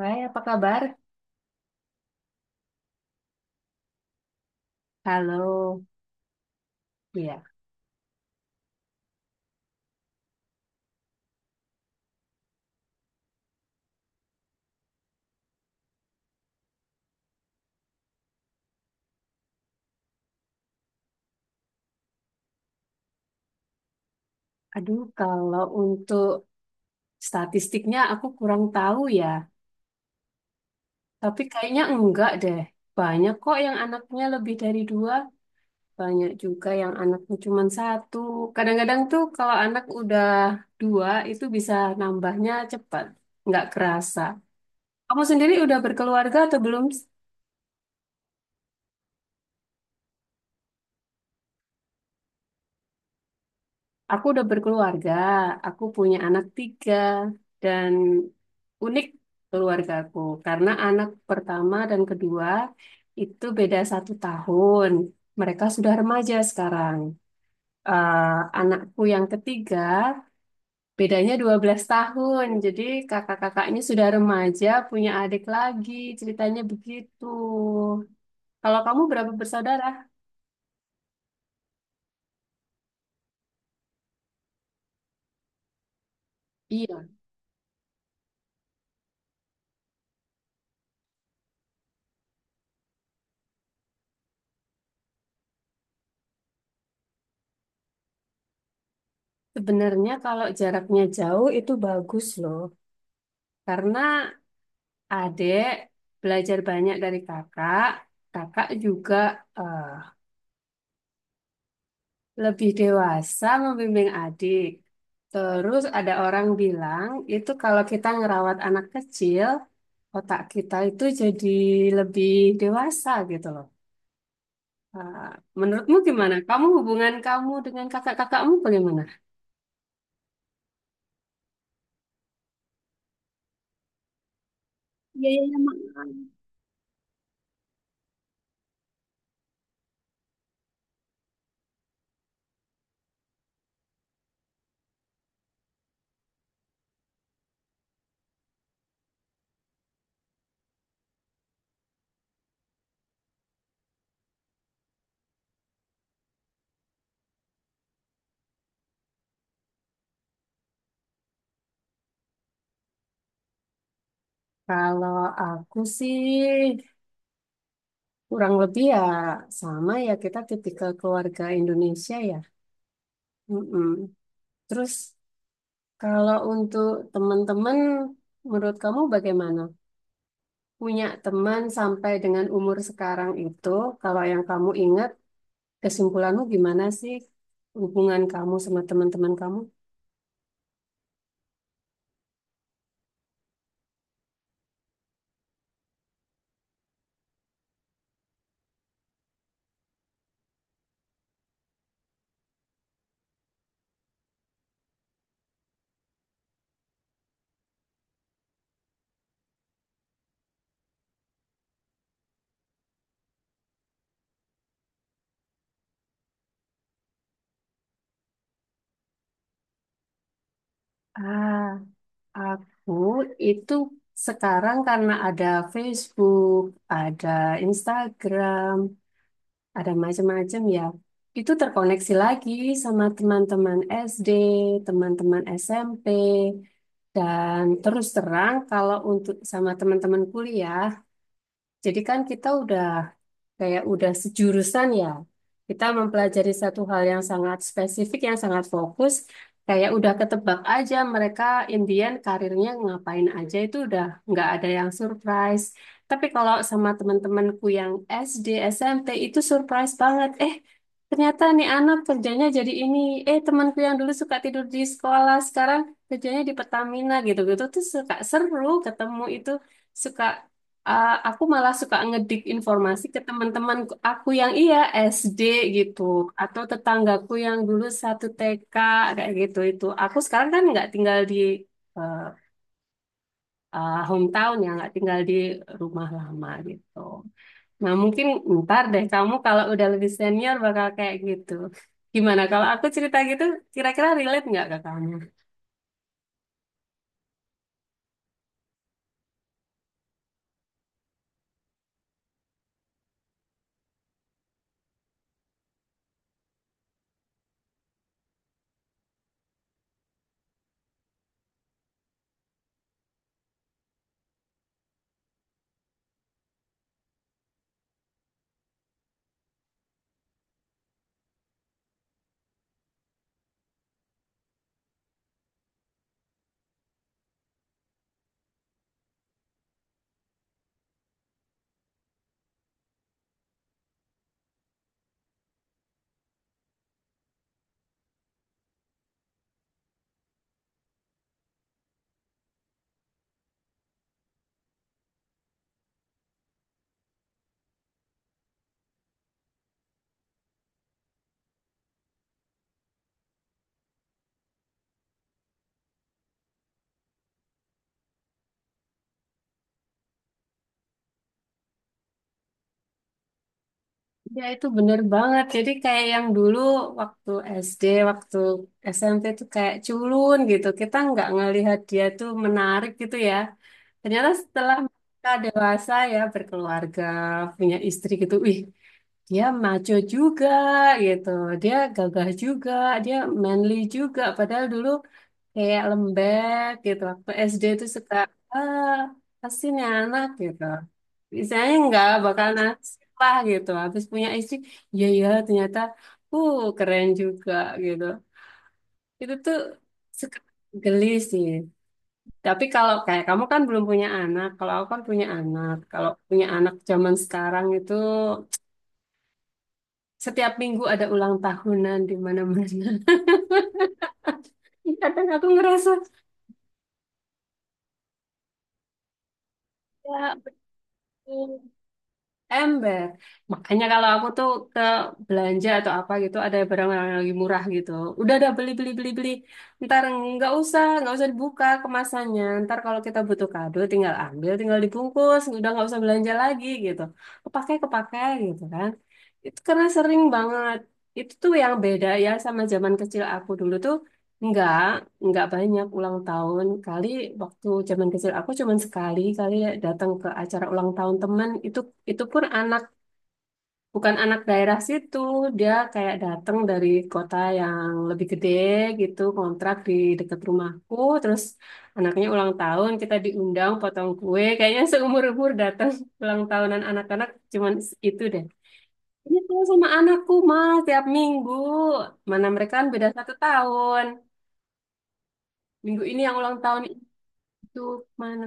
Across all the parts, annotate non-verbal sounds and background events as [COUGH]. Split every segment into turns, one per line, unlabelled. Hai, apa kabar? Halo. Ya, aduh kalau untuk statistiknya aku kurang tahu ya. Tapi kayaknya enggak deh. Banyak kok yang anaknya lebih dari dua. Banyak juga yang anaknya cuma satu. Kadang-kadang tuh kalau anak udah dua itu bisa nambahnya cepat. Nggak kerasa. Kamu sendiri udah berkeluarga atau belum? Aku udah berkeluarga, aku punya anak tiga, dan unik keluargaku karena anak pertama dan kedua itu beda satu tahun. Mereka sudah remaja sekarang. Eh, Anakku yang ketiga bedanya 12 tahun, jadi kakak-kakaknya sudah remaja, punya adik lagi, ceritanya begitu. Kalau kamu berapa bersaudara? Iya, sebenarnya kalau jaraknya jauh itu bagus loh, karena adik belajar banyak dari kakak. Kakak juga eh, lebih dewasa membimbing adik. Terus ada orang bilang, itu kalau kita ngerawat anak kecil, otak kita itu jadi lebih dewasa gitu loh. Eh, Menurutmu gimana? Kamu hubungan kamu dengan kakak-kakakmu bagaimana? Iya, iya, iya, Mak. Kalau aku sih kurang lebih ya sama ya kita tipikal keluarga Indonesia ya. Mm-mm. Terus kalau untuk teman-teman, menurut kamu bagaimana? Punya teman sampai dengan umur sekarang itu, kalau yang kamu ingat, kesimpulanmu gimana sih hubungan kamu sama teman-teman kamu? Ah, aku itu sekarang karena ada Facebook, ada Instagram, ada macam-macam ya. Itu terkoneksi lagi sama teman-teman SD, teman-teman SMP, dan terus terang kalau untuk sama teman-teman kuliah, jadi kan kita udah kayak udah sejurusan ya, kita mempelajari satu hal yang sangat spesifik, yang sangat fokus, kayak udah ketebak aja mereka Indian karirnya ngapain aja itu udah nggak ada yang surprise. Tapi kalau sama teman-temanku yang SD, SMP itu surprise banget. Ternyata nih anak kerjanya jadi ini. Temanku yang dulu suka tidur di sekolah, sekarang kerjanya di Pertamina gitu-gitu tuh suka seru ketemu itu, suka. Ah, aku malah suka ngedik informasi ke teman-teman aku yang iya SD gitu atau tetanggaku yang dulu satu TK kayak gitu, itu aku sekarang kan nggak tinggal di eh, hometown ya, nggak tinggal di rumah lama gitu. Nah, mungkin ntar deh kamu kalau udah lebih senior bakal kayak gitu. Gimana kalau aku cerita gitu, kira-kira relate nggak ke kamu? Ya itu bener banget. Jadi kayak yang dulu waktu SD, waktu SMP itu kayak culun gitu. Kita nggak ngelihat dia tuh menarik gitu ya. Ternyata setelah kita dewasa ya berkeluarga, punya istri gitu, wih dia maco juga gitu. Dia gagah juga, dia manly juga. Padahal dulu kayak lembek gitu. Waktu SD itu suka ah pasti nih anak gitu. Misalnya nggak bakal nasib lah gitu. Habis punya istri, ya ya ternyata keren juga gitu. Itu tuh suka geli sih. Tapi kalau kayak kamu kan belum punya anak, kalau aku kan punya anak. Kalau punya anak zaman sekarang itu setiap minggu ada ulang tahunan di mana-mana. [LAUGHS] Kadang aku ngerasa ya betul. Ember. Makanya kalau aku tuh ke belanja atau apa gitu, ada barang-barang yang lagi murah gitu. Udah ada beli, beli, beli, beli. Ntar nggak usah dibuka kemasannya. Ntar kalau kita butuh kado, tinggal ambil, tinggal dibungkus. Udah nggak usah belanja lagi gitu. Kepakai, kepakai gitu kan. Itu karena sering banget. Itu tuh yang beda ya sama zaman kecil aku dulu tuh. Enggak nggak banyak ulang tahun kali, waktu zaman kecil aku cuman sekali kali ya datang ke acara ulang tahun teman itu pun anak, bukan anak daerah situ, dia kayak datang dari kota yang lebih gede gitu, kontrak di dekat rumahku. Terus anaknya ulang tahun, kita diundang potong kue, kayaknya seumur-umur datang [LAUGHS] ulang tahunan anak-anak cuman itu deh. Ini tuh sama anakku mah tiap minggu, mana mereka kan beda satu tahun, minggu ini yang ulang tahun itu mana.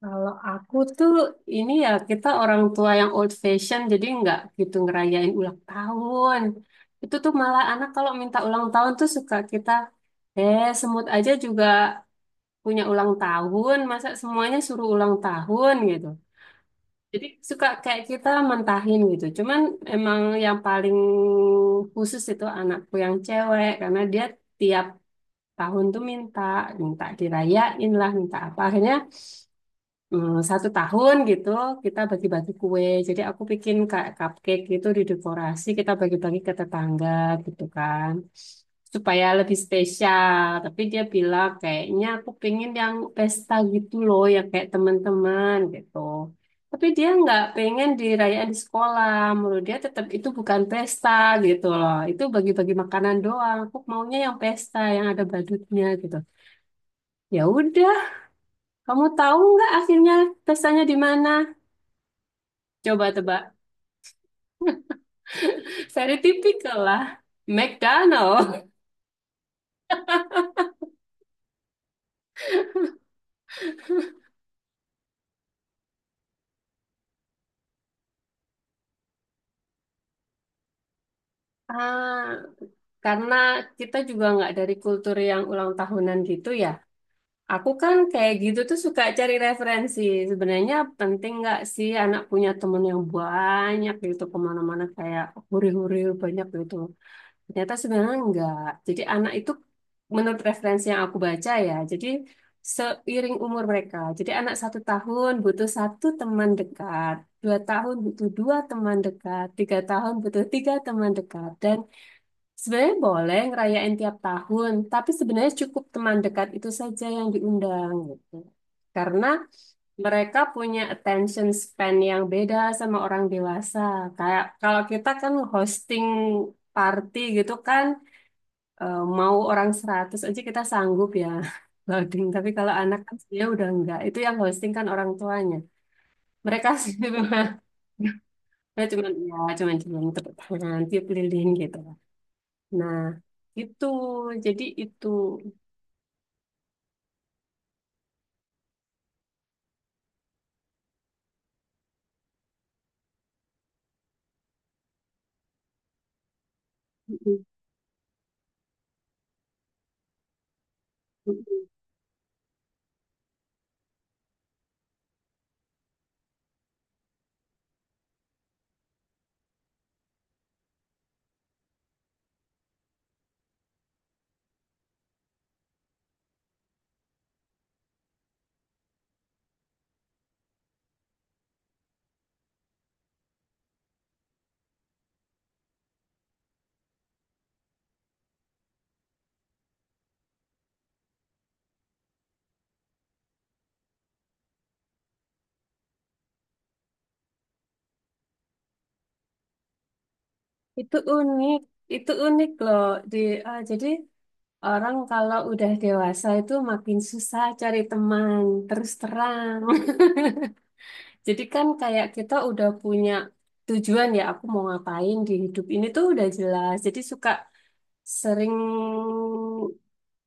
Kalau aku tuh ini ya, kita orang tua yang old fashion jadi nggak gitu ngerayain ulang tahun. Itu tuh malah anak kalau minta ulang tahun tuh suka kita semut aja juga punya ulang tahun, masa semuanya suruh ulang tahun gitu. Jadi suka kayak kita mentahin gitu. Cuman emang yang paling khusus itu anakku yang cewek karena dia tiap tahun tuh minta, minta dirayain lah, minta apa. Akhirnya satu tahun gitu kita bagi-bagi kue. Jadi aku bikin kayak cupcake gitu di dekorasi kita bagi-bagi ke tetangga gitu kan. Supaya lebih spesial. Tapi dia bilang kayaknya aku pengen yang pesta gitu loh yang kayak teman-teman gitu. Tapi dia nggak pengen dirayain di sekolah. Menurut dia tetap itu bukan pesta gitu loh. Itu bagi-bagi makanan doang. Aku maunya yang pesta yang ada badutnya gitu. Ya udah, kamu tahu nggak akhirnya pestanya di mana? Coba tebak. Saya tipikal lah. McDonald. [LAUGHS] Ah, karena kita juga nggak dari kultur yang ulang tahunan gitu ya. Aku kan kayak gitu tuh suka cari referensi. Sebenarnya penting nggak sih anak punya temen yang banyak gitu kemana-mana kayak huri-huri banyak gitu. Ternyata sebenarnya enggak. Jadi anak itu menurut referensi yang aku baca ya, jadi seiring umur mereka. Jadi anak satu tahun butuh satu teman dekat, dua tahun butuh dua teman dekat, tiga tahun butuh tiga teman dekat. Dan sebenarnya boleh ngerayain tiap tahun, tapi sebenarnya cukup teman dekat itu saja yang diundang gitu. Karena mereka punya attention span yang beda sama orang dewasa. Kayak kalau kita kan hosting party gitu kan, mau orang 100 aja kita sanggup ya [LAUGHS] loading. Tapi kalau anak kan dia udah enggak. Itu yang hosting kan orang tuanya. Mereka [LAUGHS] sih memang, ya cuman cuman tepuk tangan, tiup lilin gitu. Nah, itu jadi itu unik. Itu unik loh. Di jadi orang kalau udah dewasa itu makin susah cari teman terus terang. [LAUGHS] Jadi kan kayak kita udah punya tujuan ya, aku mau ngapain di hidup ini tuh udah jelas. Jadi suka sering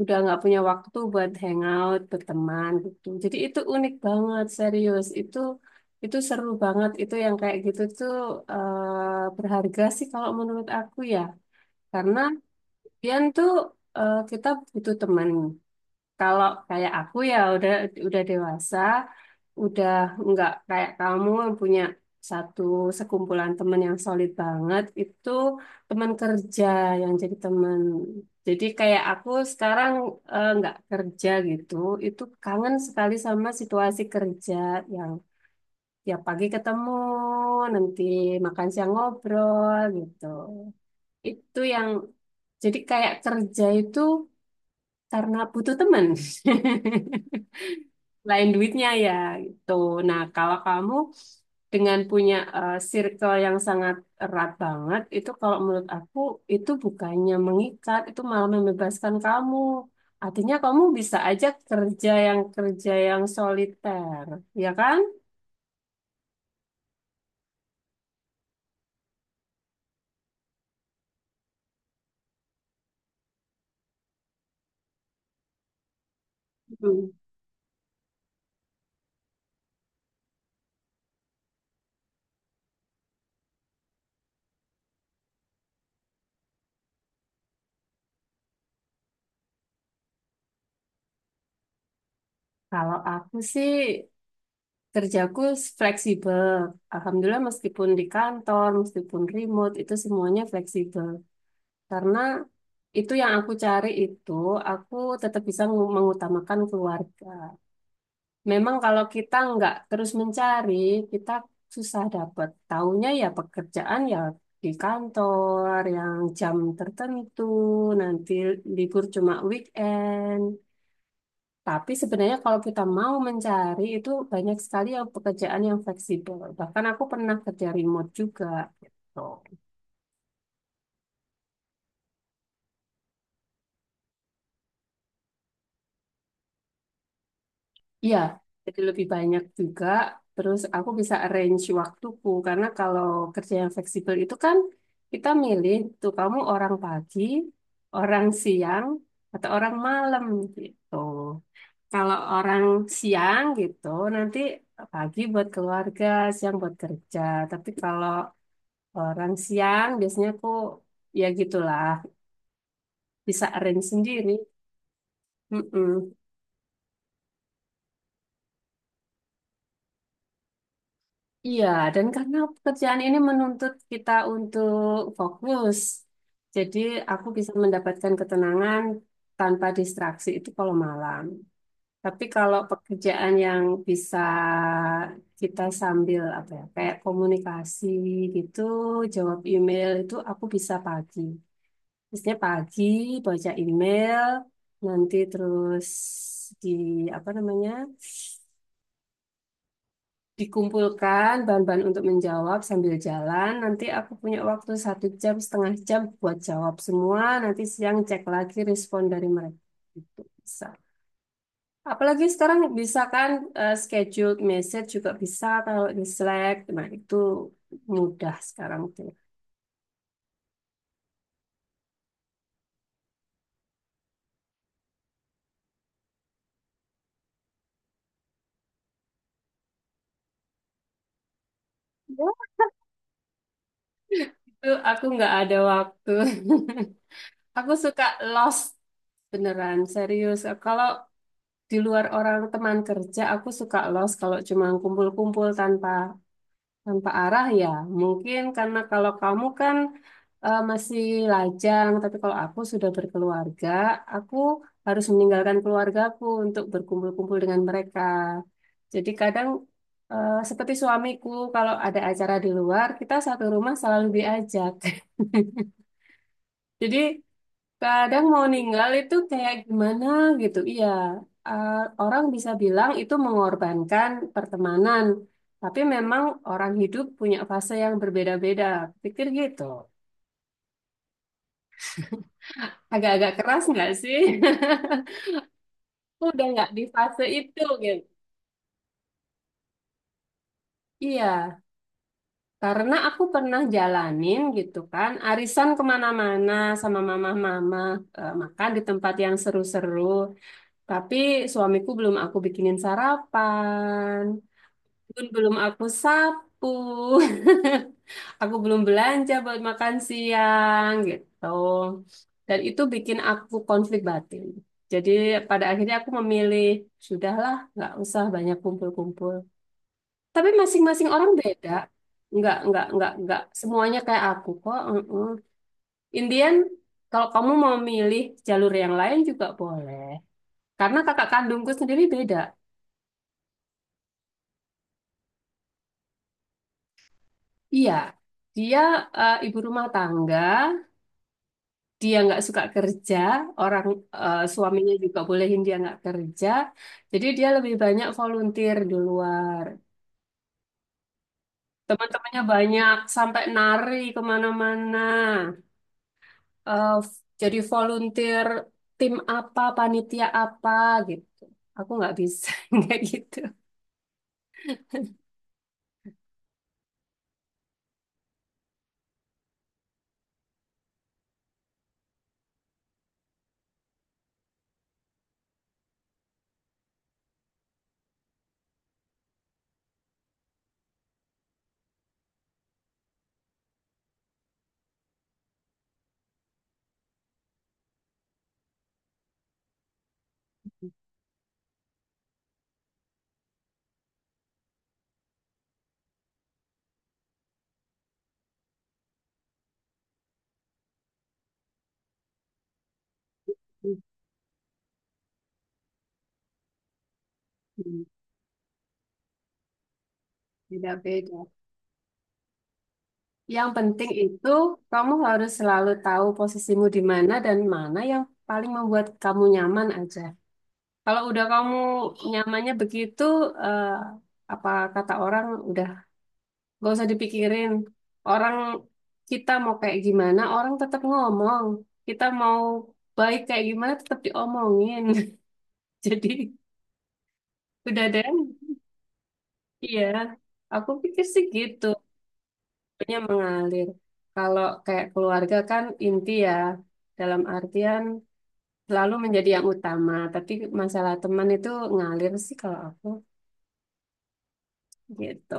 udah nggak punya waktu buat hangout, berteman gitu. Jadi itu unik banget, serius. Itu seru banget. Itu yang kayak gitu tuh berharga sih kalau menurut aku ya. Karena Pian tuh kita butuh teman. Kalau kayak aku ya udah dewasa, udah nggak kayak kamu yang punya satu sekumpulan teman yang solid banget itu, teman kerja yang jadi teman, jadi kayak aku sekarang nggak kerja gitu, itu kangen sekali sama situasi kerja yang ya pagi ketemu, nanti makan siang ngobrol gitu. Itu yang jadi kayak kerja itu karena butuh teman [LAUGHS] lain duitnya ya gitu. Nah, kalau kamu dengan punya circle yang sangat erat banget, itu kalau menurut aku itu bukannya mengikat, itu malah membebaskan kamu. Artinya kamu bisa aja kerja yang soliter, ya kan? Hmm. Kalau aku sih kerjaku fleksibel. Alhamdulillah meskipun di kantor, meskipun remote, itu semuanya fleksibel. Karena itu yang aku cari itu, aku tetap bisa mengutamakan keluarga. Memang kalau kita nggak terus mencari, kita susah dapat. Taunya ya pekerjaan ya di kantor, yang jam tertentu, nanti libur cuma weekend. Tapi sebenarnya kalau kita mau mencari itu banyak sekali yang pekerjaan yang fleksibel. Bahkan aku pernah kerja remote juga gitu. Iya, jadi lebih banyak juga. Terus aku bisa arrange waktuku karena kalau kerja yang fleksibel itu kan kita milih tuh kamu orang pagi, orang siang, atau orang malam gitu. Kalau orang siang gitu nanti pagi buat keluarga, siang buat kerja. Tapi kalau orang siang biasanya aku ya gitulah bisa arrange sendiri. Mm-mm. Iya, dan karena pekerjaan ini menuntut kita untuk fokus, jadi aku bisa mendapatkan ketenangan tanpa distraksi itu kalau malam. Tapi kalau pekerjaan yang bisa kita sambil apa ya, kayak komunikasi gitu, jawab email itu aku bisa pagi. Biasanya pagi baca email, nanti terus di apa namanya, dikumpulkan bahan-bahan untuk menjawab sambil jalan. Nanti aku punya waktu 1 jam, setengah jam buat jawab semua. Nanti siang cek lagi respon dari mereka. Itu bisa. Apalagi sekarang bisa kan, scheduled message juga bisa kalau di Slack. Nah, itu mudah sekarang tuh. Ya. Itu aku nggak ada waktu. [LAUGHS] Aku suka lost beneran serius. Kalau di luar orang teman kerja, aku suka lost kalau cuma kumpul-kumpul tanpa Tanpa arah ya, mungkin karena kalau kamu kan masih lajang, tapi kalau aku sudah berkeluarga, aku harus meninggalkan keluargaku untuk berkumpul-kumpul dengan mereka. Jadi kadang seperti suamiku, kalau ada acara di luar, kita satu rumah selalu diajak. [LAUGHS] Jadi kadang mau ninggal itu kayak gimana gitu. Iya, eh, orang bisa bilang itu mengorbankan pertemanan, tapi memang orang hidup punya fase yang berbeda-beda. Pikir gitu. Agak-agak keras nggak sih? [LAUGHS] Aku udah nggak di fase itu gitu. Iya, karena aku pernah jalanin gitu kan, arisan kemana-mana sama mama-mama, makan di tempat yang seru-seru, tapi suamiku belum aku bikinin sarapan. Bun, belum aku sapu. [LAUGHS] Aku belum belanja buat makan siang gitu. Dan itu bikin aku konflik batin. Jadi pada akhirnya aku memilih, sudahlah, nggak usah banyak kumpul-kumpul. Tapi masing-masing orang beda. Nggak, nggak. Semuanya kayak aku kok. Indian, kalau kamu mau milih jalur yang lain juga boleh. Karena kakak kandungku sendiri beda. Iya, dia ibu rumah tangga. Dia nggak suka kerja, orang suaminya juga bolehin dia nggak kerja, jadi dia lebih banyak volunteer di luar. Teman-temannya banyak, sampai nari kemana-mana, jadi volunteer tim apa, panitia apa gitu. Aku nggak bisa [LAUGHS] kayak gitu. Hmm, beda-beda. Yang penting itu kamu harus selalu tahu posisimu di mana dan mana yang paling membuat kamu nyaman aja. Kalau udah kamu nyamannya begitu, eh, apa kata orang udah gak usah dipikirin. Orang kita mau kayak gimana, orang tetap ngomong. Kita mau baik kayak gimana tetap diomongin. [LAUGHS] Jadi udah deh, iya. Aku pikir sih gitu, punya mengalir. Kalau kayak keluarga kan inti ya, dalam artian selalu menjadi yang utama. Tapi masalah teman itu ngalir sih kalau aku gitu.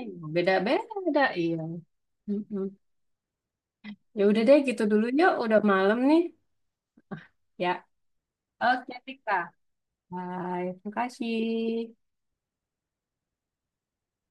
Eh, Beda-beda, iya. Mm-mm. Ya udah deh gitu dulu ya, udah malam nih. Ya, oke Rika. Bye, terima kasih.